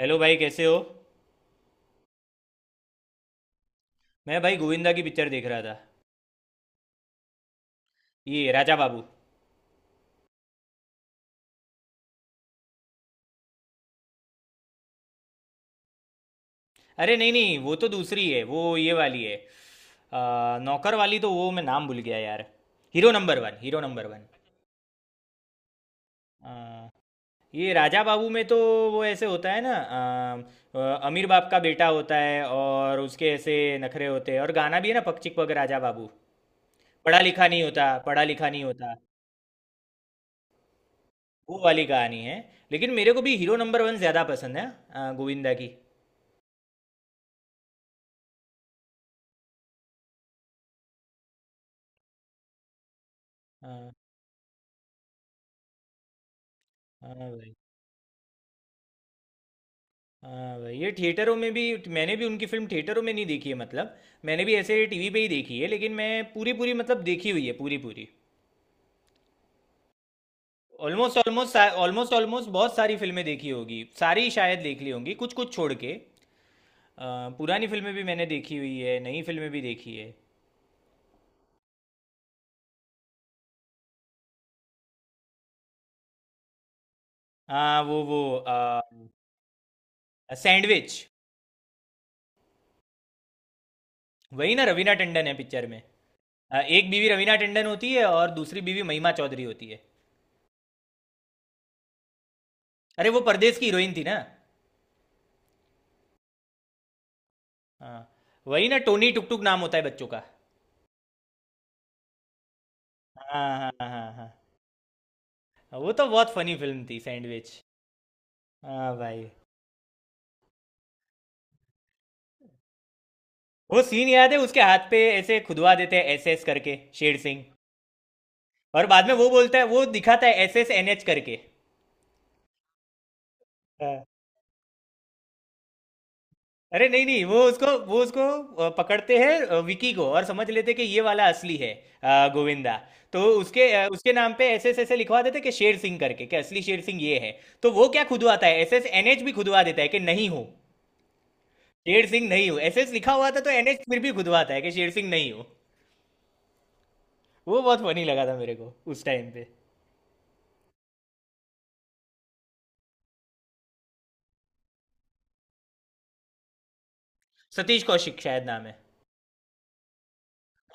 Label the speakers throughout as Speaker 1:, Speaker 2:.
Speaker 1: Hello भाई, कैसे हो। मैं भाई गोविंदा की पिक्चर देख रहा था। ये राजा बाबू। अरे नहीं नहीं, वो तो दूसरी है, वो ये वाली है। नौकर वाली तो वो मैं नाम भूल गया यार। Hero number one, hero number one. आ, ये राजा बाबू में तो वो ऐसे होता है ना। आ, आ, अमीर बाप का बेटा होता है, और उसके ऐसे नखरे होते हैं। और गाना भी है ना, पक चिक पक राजा बाबू। पढ़ा लिखा नहीं होता, पढ़ा लिखा नहीं होता। वो वाली कहानी है। लेकिन मेरे को भी हीरो नंबर वन ज़्यादा पसंद है, गोविंदा की। हाँ हाँ भाई, हाँ भाई। ये थिएटरों में भी, मैंने भी उनकी फिल्म थिएटरों में नहीं देखी है। मतलब मैंने भी ऐसे टीवी पे ही देखी है, लेकिन मैं पूरी पूरी मतलब देखी हुई है पूरी पूरी। ऑलमोस्ट ऑलमोस्ट ऑलमोस्ट ऑलमोस्ट बहुत सारी फिल्में देखी होगी। सारी शायद देख ली होंगी, कुछ कुछ छोड़ के। पुरानी फिल्में भी मैंने देखी हुई है, नई फिल्में भी देखी है। हाँ वो सैंडविच। वही ना, रवीना टंडन है पिक्चर में। एक बीवी रवीना टंडन होती है, और दूसरी बीवी महिमा चौधरी होती है। अरे, वो परदेश की हीरोइन थी ना। हाँ, वही ना, टोनी टुक टुक नाम होता है बच्चों का। हाँ हाँ हाँ। हाँ वो तो बहुत फनी फिल्म थी, सैंडविच। हाँ भाई। वो सीन याद है, उसके हाथ पे ऐसे खुदवा देते हैं एस एस करके, शेर सिंह। और बाद में वो बोलता है, वो दिखाता है एस एस एन एच करके। हाँ। अरे नहीं नहीं, वो उसको पकड़ते हैं, विकी को, और समझ लेते हैं कि ये वाला असली है, गोविंदा। तो उसके उसके नाम पे एस एस ऐसे लिखवा देते हैं कि शेर सिंह करके, कि असली शेर सिंह ये है। तो वो क्या खुदवाता है, एस एस एन एच भी खुदवा देता है कि नहीं हो, शेर सिंह नहीं हूँ। एस एस लिखा हुआ था, तो एन एच फिर भी खुदवाता है कि शेर सिंह नहीं हूँ। वो बहुत फनी लगा था मेरे को उस टाइम पे। सतीश कौशिक शायद नाम है।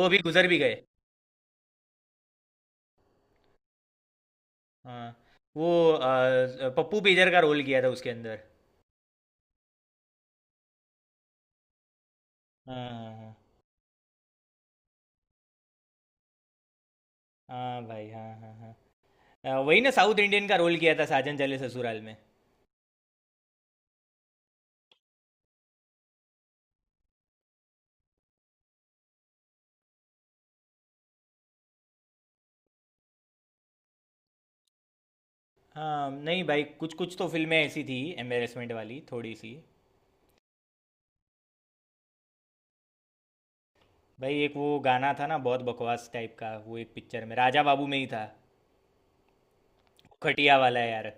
Speaker 1: वो भी गुजर भी गए। हाँ, वो पप्पू बेजर का रोल किया था उसके अंदर। हाँ हाँ हाँ। हाँ भाई, हाँ हाँ हाँ। वही ना, साउथ इंडियन का रोल किया था साजन चले ससुराल में। हाँ नहीं भाई, कुछ कुछ तो फिल्में ऐसी थी एम्बेरसमेंट वाली, थोड़ी सी। भाई एक वो गाना था ना बहुत बकवास टाइप का, वो एक पिक्चर में राजा बाबू में ही था। खटिया वाला यार।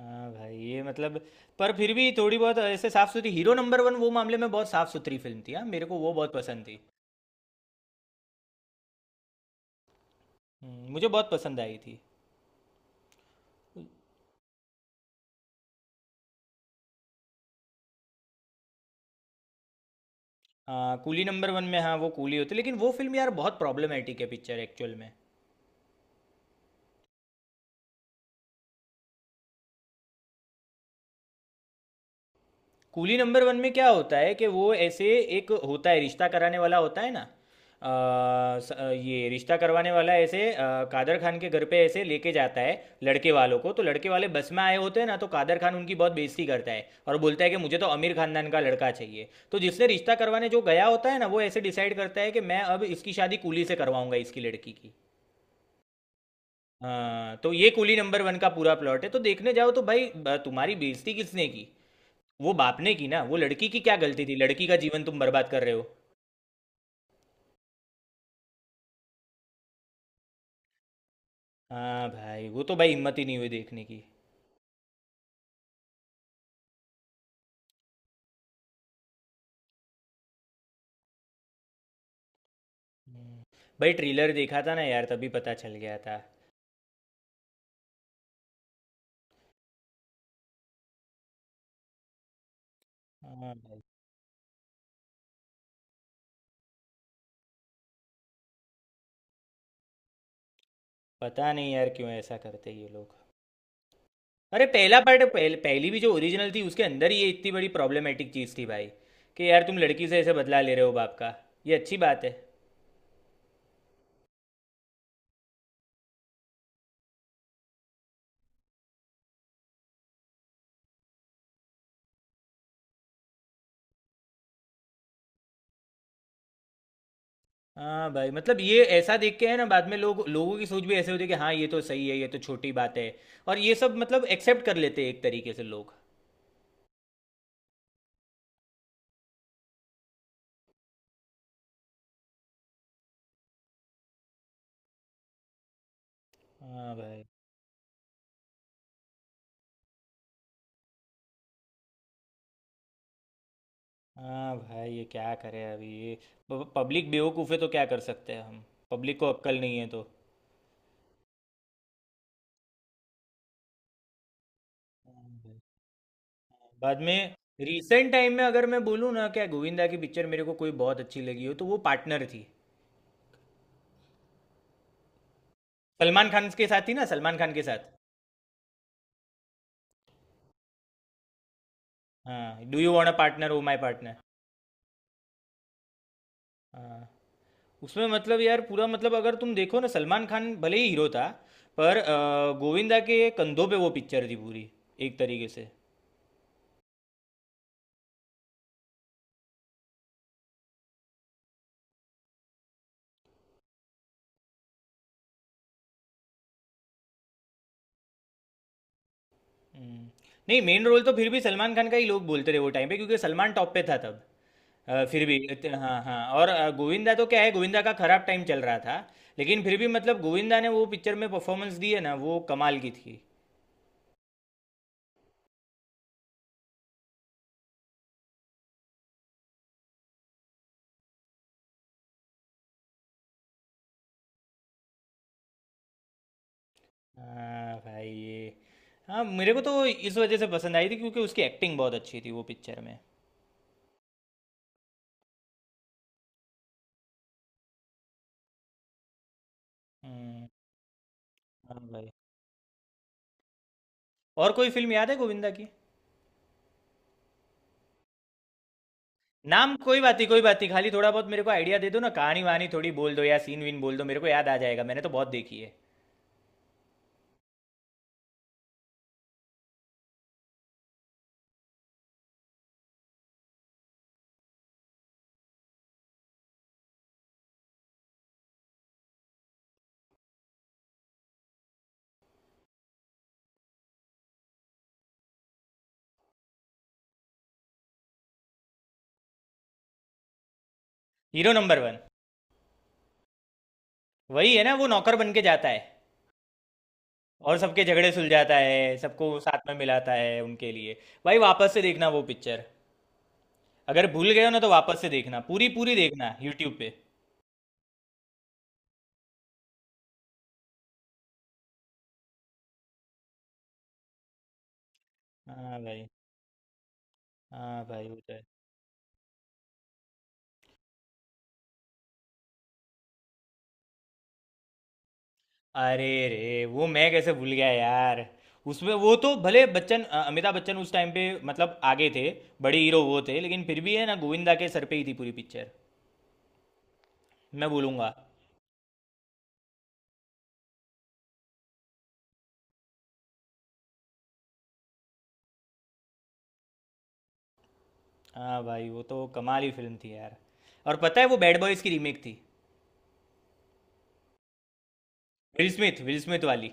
Speaker 1: हाँ भाई, ये मतलब, पर फिर भी थोड़ी बहुत ऐसे साफ सुथरी, हीरो नंबर वन वो मामले में बहुत साफ सुथरी फिल्म थी। हाँ, मेरे को वो बहुत पसंद थी। मुझे बहुत पसंद आई थी। हाँ कूली नंबर वन में, हाँ वो कूली होती, लेकिन वो फिल्म यार बहुत प्रॉब्लमेटिक है पिक्चर एक्चुअल में। कूली नंबर वन में क्या होता है कि वो ऐसे, एक होता है रिश्ता कराने वाला होता है ना, ये रिश्ता करवाने वाला ऐसे कादर खान के घर पे ऐसे लेके जाता है लड़के वालों को। तो लड़के वाले बस में आए होते हैं ना, तो कादर खान उनकी बहुत बेइज्जती करता है और बोलता है कि मुझे तो अमीर खानदान का लड़का चाहिए। तो जिसने रिश्ता करवाने जो गया होता है ना, वो ऐसे डिसाइड करता है कि मैं अब इसकी शादी कूली से करवाऊंगा, इसकी लड़की की। हाँ, तो ये कूली नंबर वन का पूरा प्लॉट है। तो देखने जाओ तो भाई, तुम्हारी बेइज्जती किसने की, वो बाप ने की ना, वो लड़की की क्या गलती थी, लड़की का जीवन तुम बर्बाद कर रहे हो। हाँ भाई, वो तो भाई हिम्मत ही नहीं हुई देखने की। हम्म। भाई ट्रेलर देखा था ना यार, तभी पता चल गया था। हाँ भाई। पता नहीं यार क्यों ऐसा करते ये लोग। अरे पहला पार्ट, पहली भी जो ओरिजिनल थी, उसके अंदर ही ये इतनी बड़ी प्रॉब्लमेटिक चीज़ थी भाई, कि यार तुम लड़की से ऐसे बदला ले रहे हो बाप का। ये अच्छी बात है। हाँ भाई, मतलब ये ऐसा देख के है ना, बाद में लोग, लोगों की सोच भी ऐसे होती है कि हाँ ये तो सही है, ये तो छोटी बात है। और ये सब मतलब एक्सेप्ट कर लेते हैं एक तरीके से लोग। हाँ भाई। हाँ भाई, ये क्या करें अभी ये, पब्लिक बेवकूफ़ है तो क्या कर सकते हैं हम। पब्लिक को अक्ल नहीं है तो। हाँ भाई। बाद में, रिसेंट टाइम में अगर मैं बोलूँ ना, क्या गोविंदा की पिक्चर मेरे को कोई बहुत अच्छी लगी हो, तो वो पार्टनर थी। सलमान खान के साथ थी ना, सलमान खान के साथ। हाँ, do you want a partner, oh my partner. हाँ। उसमें मतलब यार पूरा मतलब, अगर तुम देखो ना, सलमान खान भले ही हीरो था, पर गोविंदा के कंधों पे वो पिक्चर थी पूरी, एक तरीके से। नहीं मेन रोल तो फिर भी सलमान खान का ही लोग बोलते रहे वो टाइम पे, क्योंकि सलमान टॉप पे था तब। फिर भी हाँ हाँ, और गोविंदा तो क्या है, गोविंदा का खराब टाइम चल रहा था। लेकिन फिर भी मतलब गोविंदा ने वो पिक्चर में परफॉर्मेंस दी है ना, वो कमाल की थी। हाँ भाई, ये हाँ, मेरे को तो इस वजह से पसंद आई थी क्योंकि उसकी एक्टिंग बहुत अच्छी थी वो पिक्चर में। हम्म। हाँ भाई, और कोई फिल्म याद है गोविंदा की। नाम कोई बात नहीं, कोई बात नहीं, खाली थोड़ा बहुत मेरे को आइडिया दे दो ना, कहानी वहानी थोड़ी बोल दो या सीन वीन बोल दो, मेरे को याद आ जाएगा, मैंने तो बहुत देखी है। Hero number one. वही है ना, वो नौकर बन के जाता है, और सबके झगड़े सुलझाता है, सबको साथ में मिलाता है उनके लिए। भाई वापस से देखना वो पिक्चर, अगर भूल गए हो ना तो वापस से देखना, पूरी पूरी देखना यूट्यूब पे। हाँ भाई। हाँ भाई, वो तो है। अरे रे, वो मैं कैसे भूल गया यार। उसमें वो तो भले बच्चन, अमिताभ बच्चन उस टाइम पे मतलब आगे थे, बड़े हीरो वो थे, लेकिन फिर भी है ना, गोविंदा के सर पे ही थी पूरी पिक्चर, मैं बोलूँगा। हाँ भाई, वो तो कमाल ही फिल्म थी यार। और पता है, वो बैड बॉयज़ की रीमेक थी। विल स्मिथ वाली।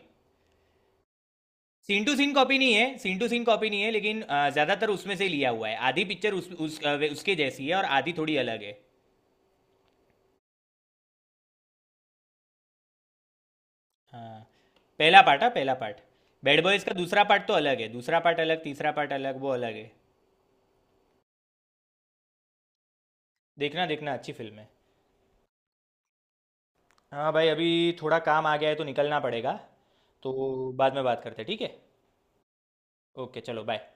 Speaker 1: सीन टू सीन कॉपी नहीं है, सीन टू सीन कॉपी नहीं है, लेकिन ज़्यादातर उसमें से लिया हुआ है। आधी पिक्चर उसके जैसी है, और आधी थोड़ी अलग है। हाँ पहला पार्ट, हाँ पहला पार्ट। बैड बॉयज़ का दूसरा पार्ट तो अलग है, दूसरा पार्ट अलग, तीसरा पार्ट अलग, वो अलग है। देखना देखना, अच्छी फिल्म है। हाँ भाई, अभी थोड़ा काम आ गया है, तो निकलना पड़ेगा। तो बाद में बात करते हैं, ठीक है। ओके चलो, बाय।